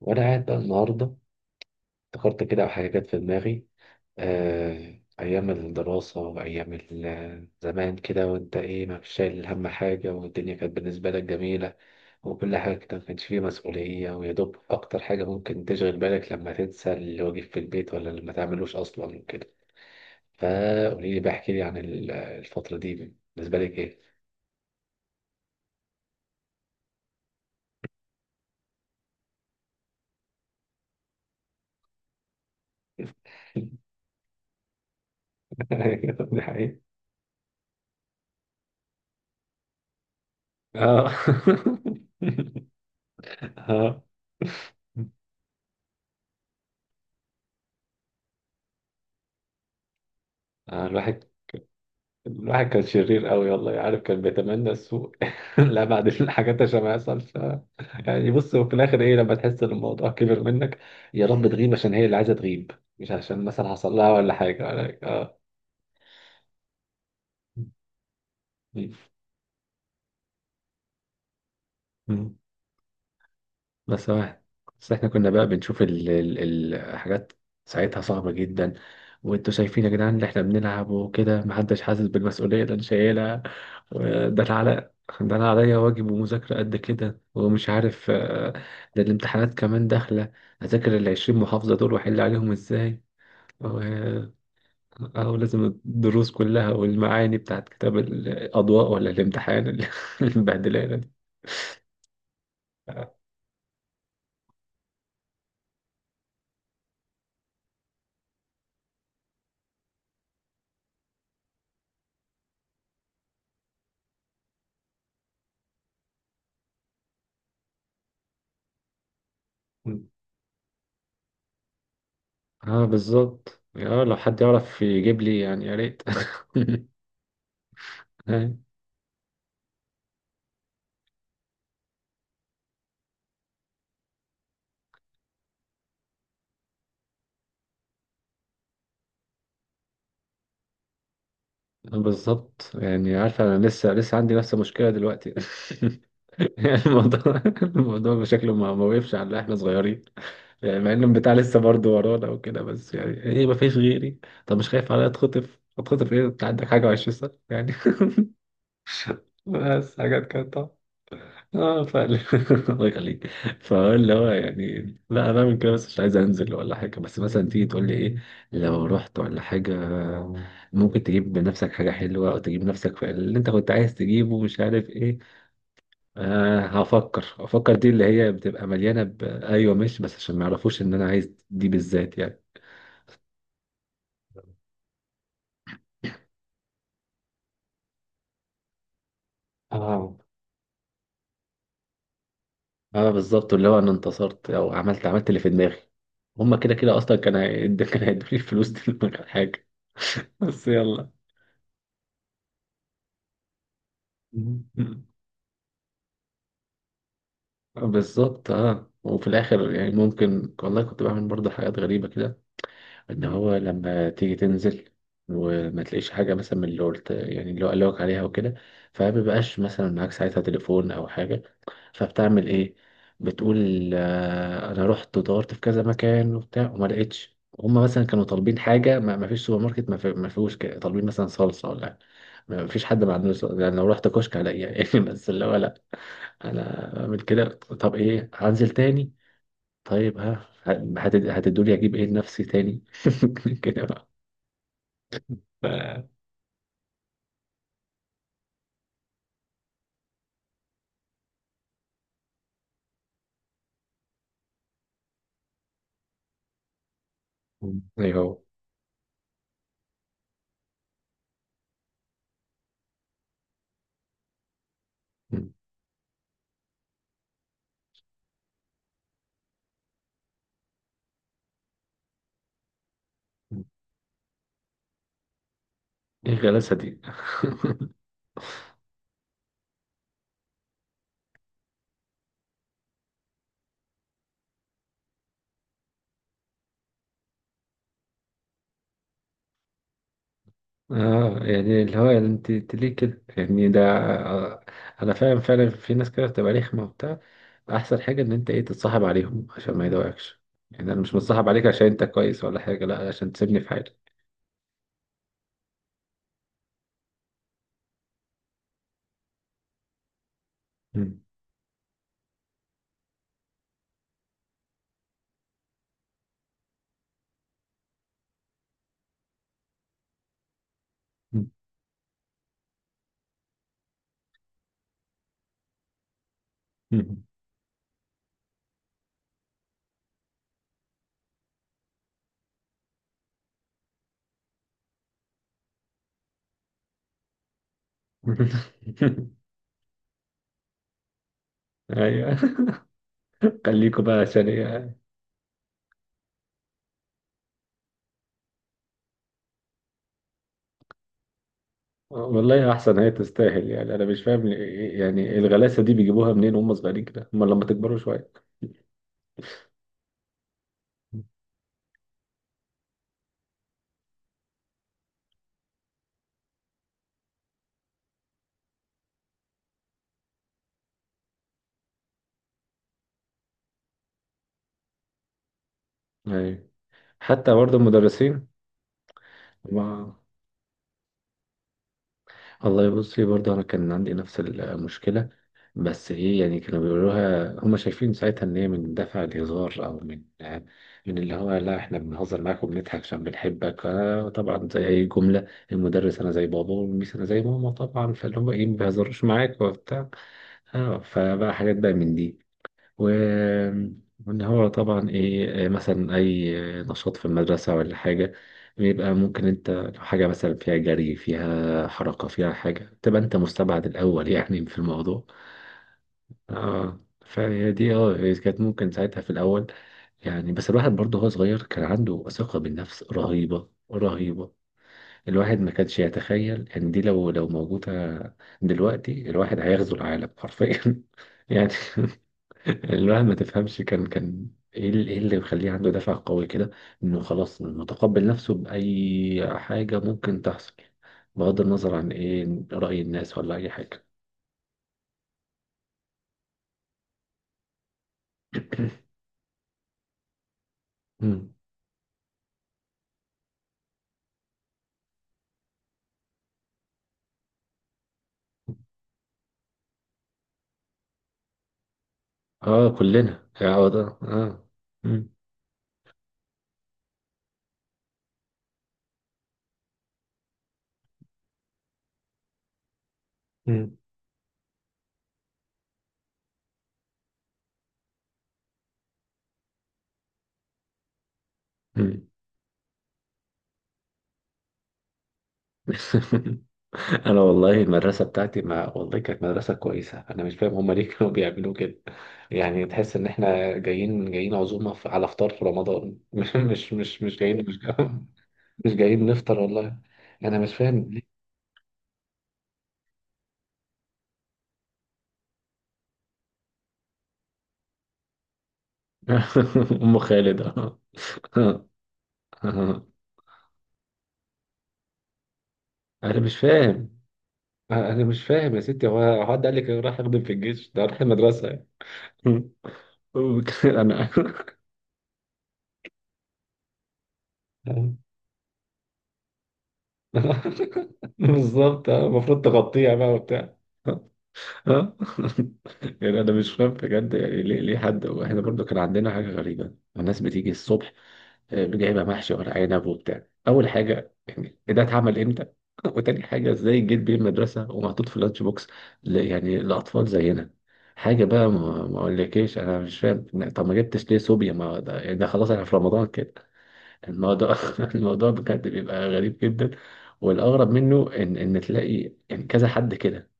وأنا قاعد بقى النهاردة افتكرت كده حاجة جت في دماغي. أيام الدراسة وأيام زمان كده، وأنت إيه، ما فيش شايل هم حاجة، والدنيا كانت بالنسبة لك جميلة وكل حاجة كده. ما كانش فيه مسؤولية، ويا دوب أكتر حاجة ممكن تشغل بالك لما تنسى الواجب في البيت، ولا لما تعملوش أصلا وكده. فقولي لي، بحكي لي عن الفترة دي، بالنسبة لك إيه؟ أيوة، دي حقيقة. آه. آه. آه، الواحد الواحد كان شرير قوي والله، عارف كان بيتمنى السوء. لا بعد الحاجات عشان ما يحصل يعني بص، وفي الاخر ايه لما تحس ان الموضوع كبر منك. يا رب تغيب عشان هي اللي عايزه تغيب، مش عشان مثلا حصل لها ولا حاجه ولا اه. م. م. بس واحد، بس احنا كنا بقى بنشوف الحاجات ساعتها صعبه جدا. وانتوا شايفين يا جدعان اللي احنا بنلعب وكده، محدش حاسس بالمسؤوليه اللي انا شايلها. ده العلق، ده انا عليا واجب ومذاكرة قد كده ومش عارف. ده الامتحانات كمان داخلة، اذاكر 20 محافظة دول واحل عليهم ازاي. و- آه، او لازم الدروس كلها والمعاني بتاعت كتاب الاضواء، ولا الامتحان اللي مبهدلانة دي. اه. بالظبط، اه لو حد يعرف يجيب لي يعني يا ريت. أي، بالظبط. يعني عارفة انا لسه لسه عندي نفس المشكلة دلوقتي. يعني الموضوع الموضوع بشكله ما وقفش على احنا صغيرين. يعني مع ان البتاع لسه برضه ورانا وكده، بس يعني ايه، ما فيش غيري. طب مش خايف عليا اتخطف، اتخطف ايه، انت عندك حاجه و20 سنه يعني. بس حاجات كده طبعا. اه فعلا. الله يخليك. فاللي هو يعني، لا انا من كده بس مش عايز انزل ولا حاجه، بس مثلا تيجي تقول لي ايه لو رحت ولا حاجه، ممكن تجيب بنفسك حاجه حلوه او تجيب نفسك في اللي انت كنت عايز تجيبه مش عارف ايه. آه هفكر هفكر دي اللي هي بتبقى مليانة أيوة ماشي، بس عشان ما يعرفوش إن أنا عايز دي بالذات يعني. اه. اه بالظبط، اللي هو أنا انتصرت أو عملت عملت اللي في دماغي. هما كده كده أصلا كان كان هيدوني الفلوس دي من غير حاجة. بس يلا. مم. بالظبط. اه وفي الآخر يعني ممكن والله كنت بعمل برضه حاجات غريبة كده. إن هو لما تيجي تنزل وما تلاقيش حاجة مثلا من اللي قلت، يعني اللي هو قالك عليها وكده، فما بيبقاش مثلا معاك ساعتها تليفون أو حاجة، فبتعمل ايه؟ بتقول انا رحت ودورت في كذا مكان وبتاع وما لقيتش، هما مثلا كانوا طالبين حاجه ما فيش سوبر ماركت ما فيهوش، كده طالبين مثلا صلصه ولا حاجة. ما فيش حد ما عندوش صلصة. يعني لو رحت كشك هلاقيها يعني. بس اللي هو لا، انا بعمل كده طب ايه، هنزل تاني؟ طيب ها هتدولي اجيب ايه لنفسي تاني كده بقى. ف- ايوه هو. ايه غلاسه دي. اه يعني اللي هو يعني انت انت ليه كده يعني ده. انا فاهم فعلا، في ناس كده بتبقى رخمه وبتاع. احسن حاجه ان انت ايه، تتصاحب عليهم عشان ما يضايقكش. يعني انا مش متصاحب عليك عشان انت كويس ولا حاجه، لا عشان تسيبني في حالي. مم. مم. مم. ايوه. خليكوا بقى عشان ايه. والله احسن، هي تستاهل. يعني انا مش فاهم ليه، يعني الغلاسه دي بيجيبوها منين وهم صغيرين كده، هم لما تكبروا شويه. ايوه. حتى برضه المدرسين. ما والله بصي، برضه انا كان عندي نفس المشكله. بس ايه، يعني كانوا بيقولوها هم شايفين ساعتها ان هي من دافع الهزار، او من اللي هو لا احنا بنهزر معاك وبنضحك عشان بنحبك، أنا طبعا زي اي جمله، المدرس انا زي بابا والميس انا زي ماما طبعا، فاللي هم ايه، ما بيهزروش معاك وبتاع. اه فبقى حاجات بقى من دي. و... وإن هو طبعا إيه، مثلا أي نشاط في المدرسة ولا حاجة، بيبقى ممكن أنت لو حاجة مثلا فيها جري فيها حركة فيها حاجة، تبقى أنت مستبعد الأول يعني في الموضوع. آه. فهي دي اه، هي كانت ممكن ساعتها في الأول. يعني بس الواحد برضه هو صغير، كان عنده ثقة بالنفس رهيبة رهيبة. الواحد ما كانش يتخيل ان دي لو موجودة دلوقتي، الواحد هيغزو العالم حرفيا يعني. الواحد ما تفهمش، كان ايه إيه اللي مخليه عنده دافع قوي كده، انه خلاص متقبل نفسه بأي حاجة ممكن تحصل، بغض النظر عن ايه، رأي الناس ولا اي حاجة. مم. اه كلنا يا وضع اه آه. مم. مم. مم. انا والله المدرسه بتاعتي، ما والله كانت مدرسه كويسه، انا مش فاهم هما ليه كانوا بيعملوا كده. يعني تحس ان احنا جايين جايين عزومه على فطار في رمضان مش مش مش مش جايين مش مش جايين نفطر والله. انا مش فاهم ليه. ام خالد اه آه. انا مش فاهم. انا مش فاهم يا ستي، هو هو حد قال لك أنا رايح اخدم في الجيش، ده رايح المدرسه يعني. انا. بالظبط. المفروض تغطيها بقى وبتاع. اه. يعني انا مش فاهم بجد، يعني ليه ليه حد. واحنا برضو كان عندنا حاجه غريبه، الناس بتيجي الصبح جايبها محشي ورق عنب وبتاع. اول حاجه يعني إيه ده، اتعمل امتى؟ وتاني حاجه ازاي جيت بيه المدرسه ومحطوط في لانش بوكس، يعني لاطفال زينا. حاجه بقى ما اقولكيش، انا مش فاهم طب ما جبتش ليه صوبيا، ما ده يعني ده خلاص احنا في رمضان كده. الموضوع الموضوع بجد بيبقى غريب جدا. والاغرب منه ان تلاقي يعني كذا حد كده.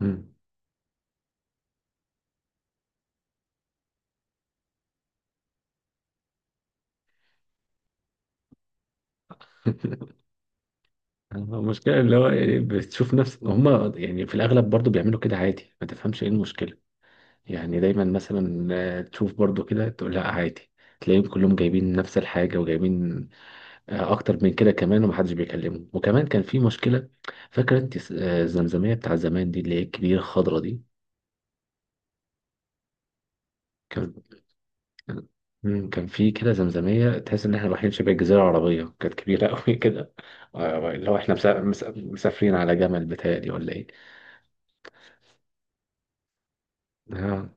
مم. المشكله اللي هو يعني بتشوف نفس هم. يعني في الاغلب برضو بيعملوا كده عادي، ما تفهمش ايه المشكله. يعني دايما مثلا تشوف برضو كده تقول لا عادي. تلاقيهم كلهم جايبين نفس الحاجة وجايبين أكتر من كده كمان، ومحدش بيكلمهم. وكمان كان في مشكلة، فاكرة أنت الزمزمية بتاع زمان دي اللي هي الكبيرة الخضرا دي، كان آه، كان في كده زمزمية تحس إن إحنا رايحين شبه الجزيرة العربية، كانت كبيرة أوي كده. اللي هو إحنا مسافرين على جمل بتهيألي ولا إيه. آه،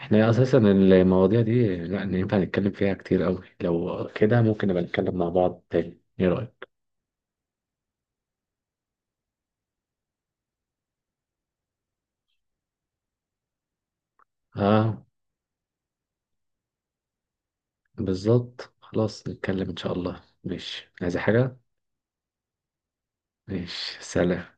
احنا اساسا المواضيع دي لا ينفع نتكلم فيها كتير قوي، لو كده ممكن نبقى نتكلم مع بعض تاني، ايه رأيك؟ اه بالظبط، خلاص نتكلم ان شاء الله، ماشي عايز حاجة؟ ماشي سلام.